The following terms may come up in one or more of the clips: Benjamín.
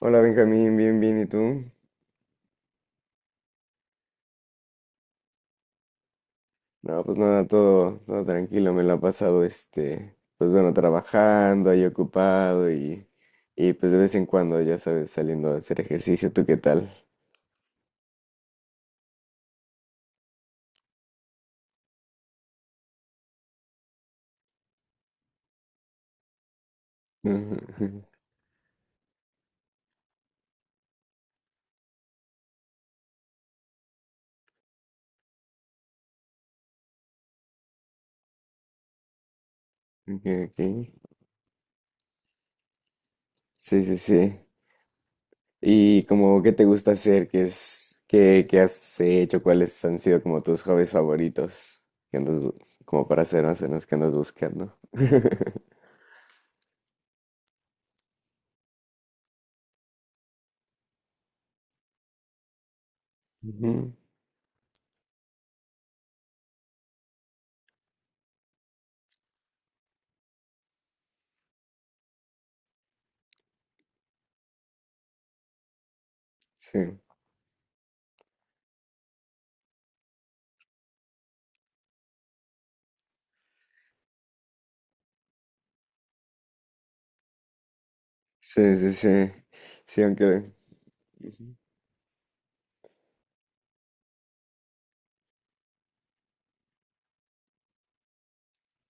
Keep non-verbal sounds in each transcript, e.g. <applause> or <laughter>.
Hola Benjamín, bien, bien, ¿y tú? No, pues nada, todo tranquilo, me lo ha pasado pues bueno, trabajando ahí ocupado, y pues de vez en cuando, ya sabes, saliendo a hacer ejercicio. ¿Tú qué tal? <laughs> Ok, ok. Sí, sí, sí. ¿Y como qué te gusta hacer? ¿Qué es, qué, qué has hecho? ¿Cuáles han sido como tus hobbies favoritos? ¿Qué andas, como para hacer más o menos que andas buscando? <laughs> Ujú. Sí, sí, sí. Sí, aunque, ujú,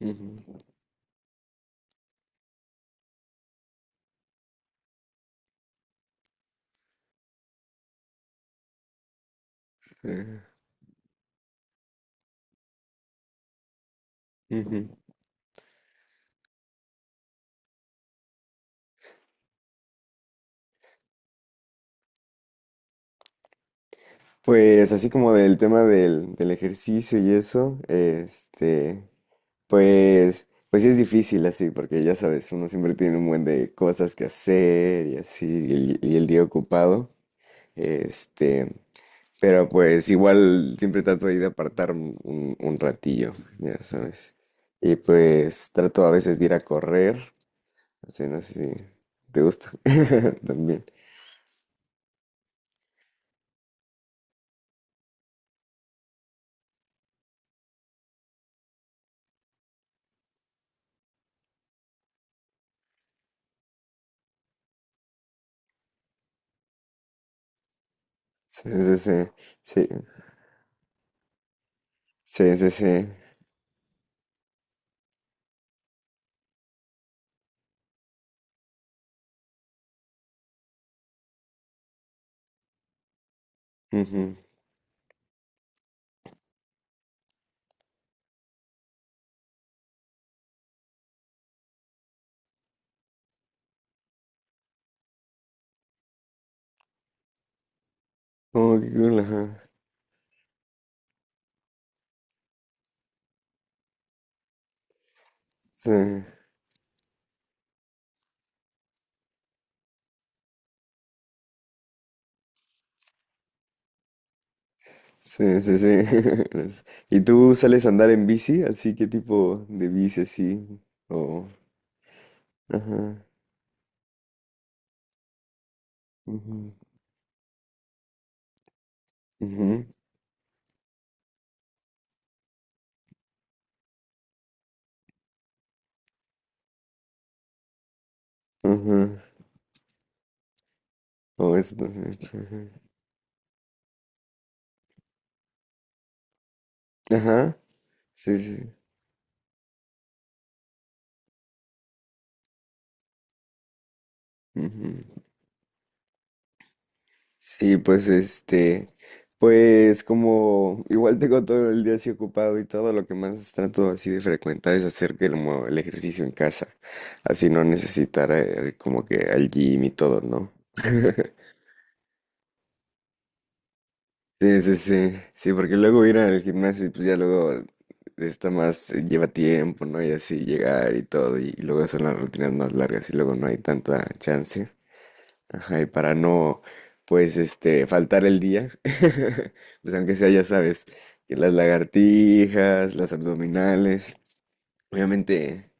ujú, eh, ujú. Pues así como del tema del ejercicio y eso, pues, pues sí es difícil así, porque ya sabes, uno siempre tiene un buen de cosas que hacer y así, y el día ocupado, este, pero pues igual siempre trato ahí de apartar un ratillo, ya sabes, y pues trato a veces de ir a correr, o sea, no sé si te gusta <laughs> también. Sí, sí, sí. Sí, sí, sí, sí. Ujú. Oh, qué cool, ajá. Sí, sí, sí, sí. <laughs> ¿Y tú sales a andar en bici? ¿Así qué tipo de bici así? O... Ajá. Ujú, ujú, ajá. O eso también. Ajá. Ajá, sí, sí. Sí, pues pues como igual tengo todo el día así ocupado y todo lo que más trato así de frecuentar es hacer que el ejercicio en casa, así no necesitar como que al gym y todo, ¿no? Sí, sí, sí, sí, porque luego ir al gimnasio y pues ya luego está más, lleva tiempo, ¿no? Y así llegar y todo, y luego son las rutinas más largas y luego no hay tanta chance. Ajá, y para no, pues, faltar el día, <laughs> pues aunque sea, ya sabes, que las lagartijas, las abdominales, obviamente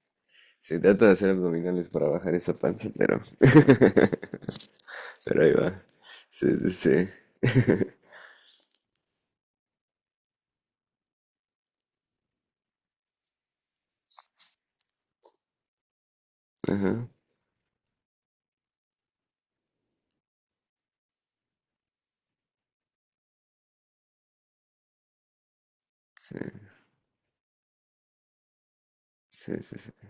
se trata de hacer abdominales para bajar esa panza, pero, <laughs> pero ahí va. Sí, sí, sí. <laughs> Ajá, sí, sí, sí. Sí.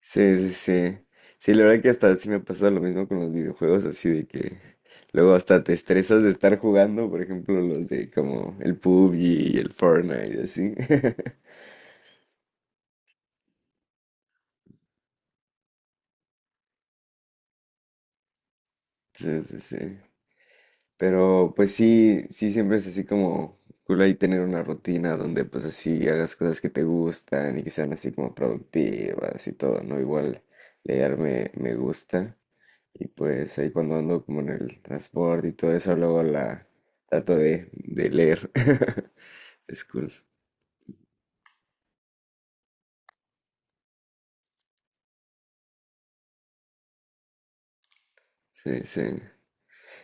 Sí, sí, sí. Sí, la verdad que hasta sí me pasa lo mismo con los videojuegos, así de que luego hasta te estresas de estar jugando, por ejemplo, los de como el pub y el Fortnite y así. <laughs> Sí, sí, sí. Pero pues sí, sí, siempre es así como cool ahí tener una rutina donde pues así hagas cosas que te gustan y que sean así como productivas y todo, ¿no? Igual leer me gusta. Y pues ahí cuando ando como en el transporte y todo eso, luego la trato de leer. <laughs> Es cool. Sí, sí.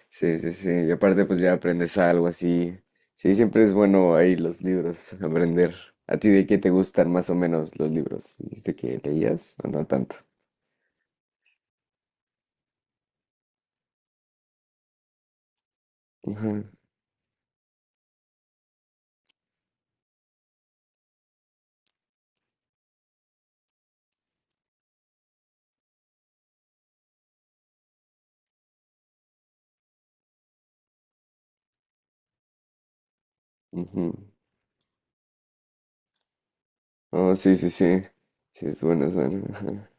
Sí, sí, sí. Y aparte pues ya aprendes algo así. Sí, siempre es bueno ahí los libros, aprender. ¿A ti de qué te gustan más o menos los libros? ¿Viste que leías o no tanto? Ajá, ujú. Oh, sí, sí, sí. Sí, es bueno, es bueno. Ajá,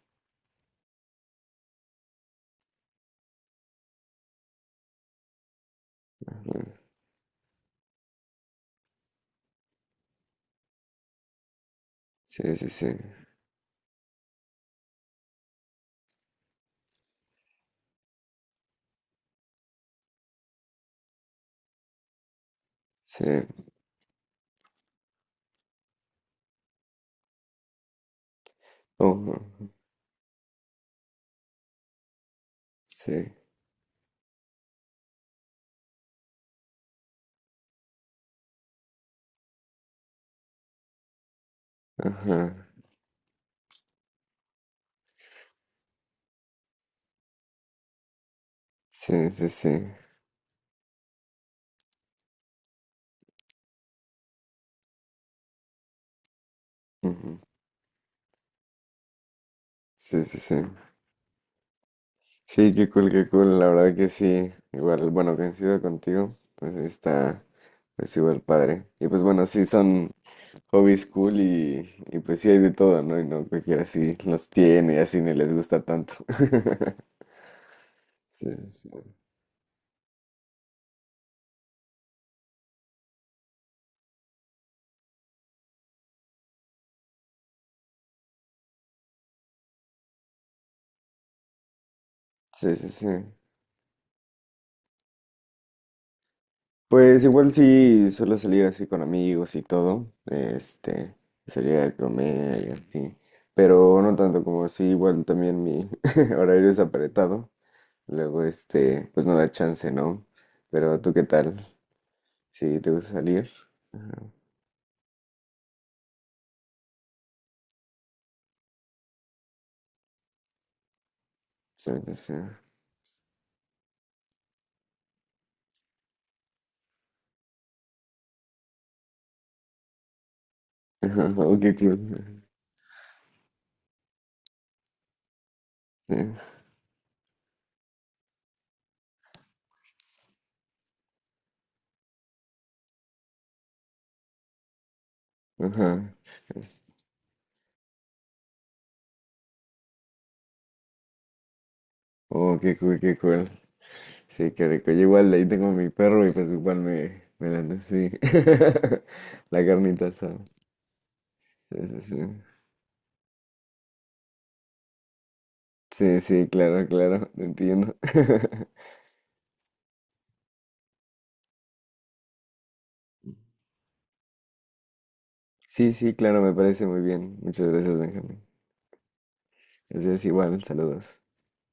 ajá. Sí, sí, sí. Sí. Oh, sí. Ajá. Sí, sí, sí. Ujú. Sí, sí, sí. Sí, qué cool, qué cool. La verdad que sí. Igual, bueno, coincido contigo. Pues sí está, pues igual padre. Y pues bueno, sí, son hobbies cool y pues sí hay de todo, ¿no? Y no cualquiera sí los tiene y así ni les gusta tanto. <laughs> Sí, sí, sí, sí, sí. Pues igual sí suelo salir así con amigos y todo, salir a comer y así, pero no tanto como sí, igual también mi <laughs> horario es apretado. Luego, pues no da chance, ¿no? Pero tú, ¿qué tal? ¿Sí te gusta salir? Ajá. Sí, sí, sí. <laughs> Ajá, oh, qué cool. Sí, ajá. Es- Oh, qué cool, qué cool. Sí, qué rico. Yo igual de ahí tengo mi perro y pues igual me dan así. <laughs> La carnita asada. Sí, sí, sí. Sí, sí, claro, claro, te entiendo. <laughs> Sí, sí, claro, me parece muy bien. Muchas gracias, Benjamín. Así es igual, saludos.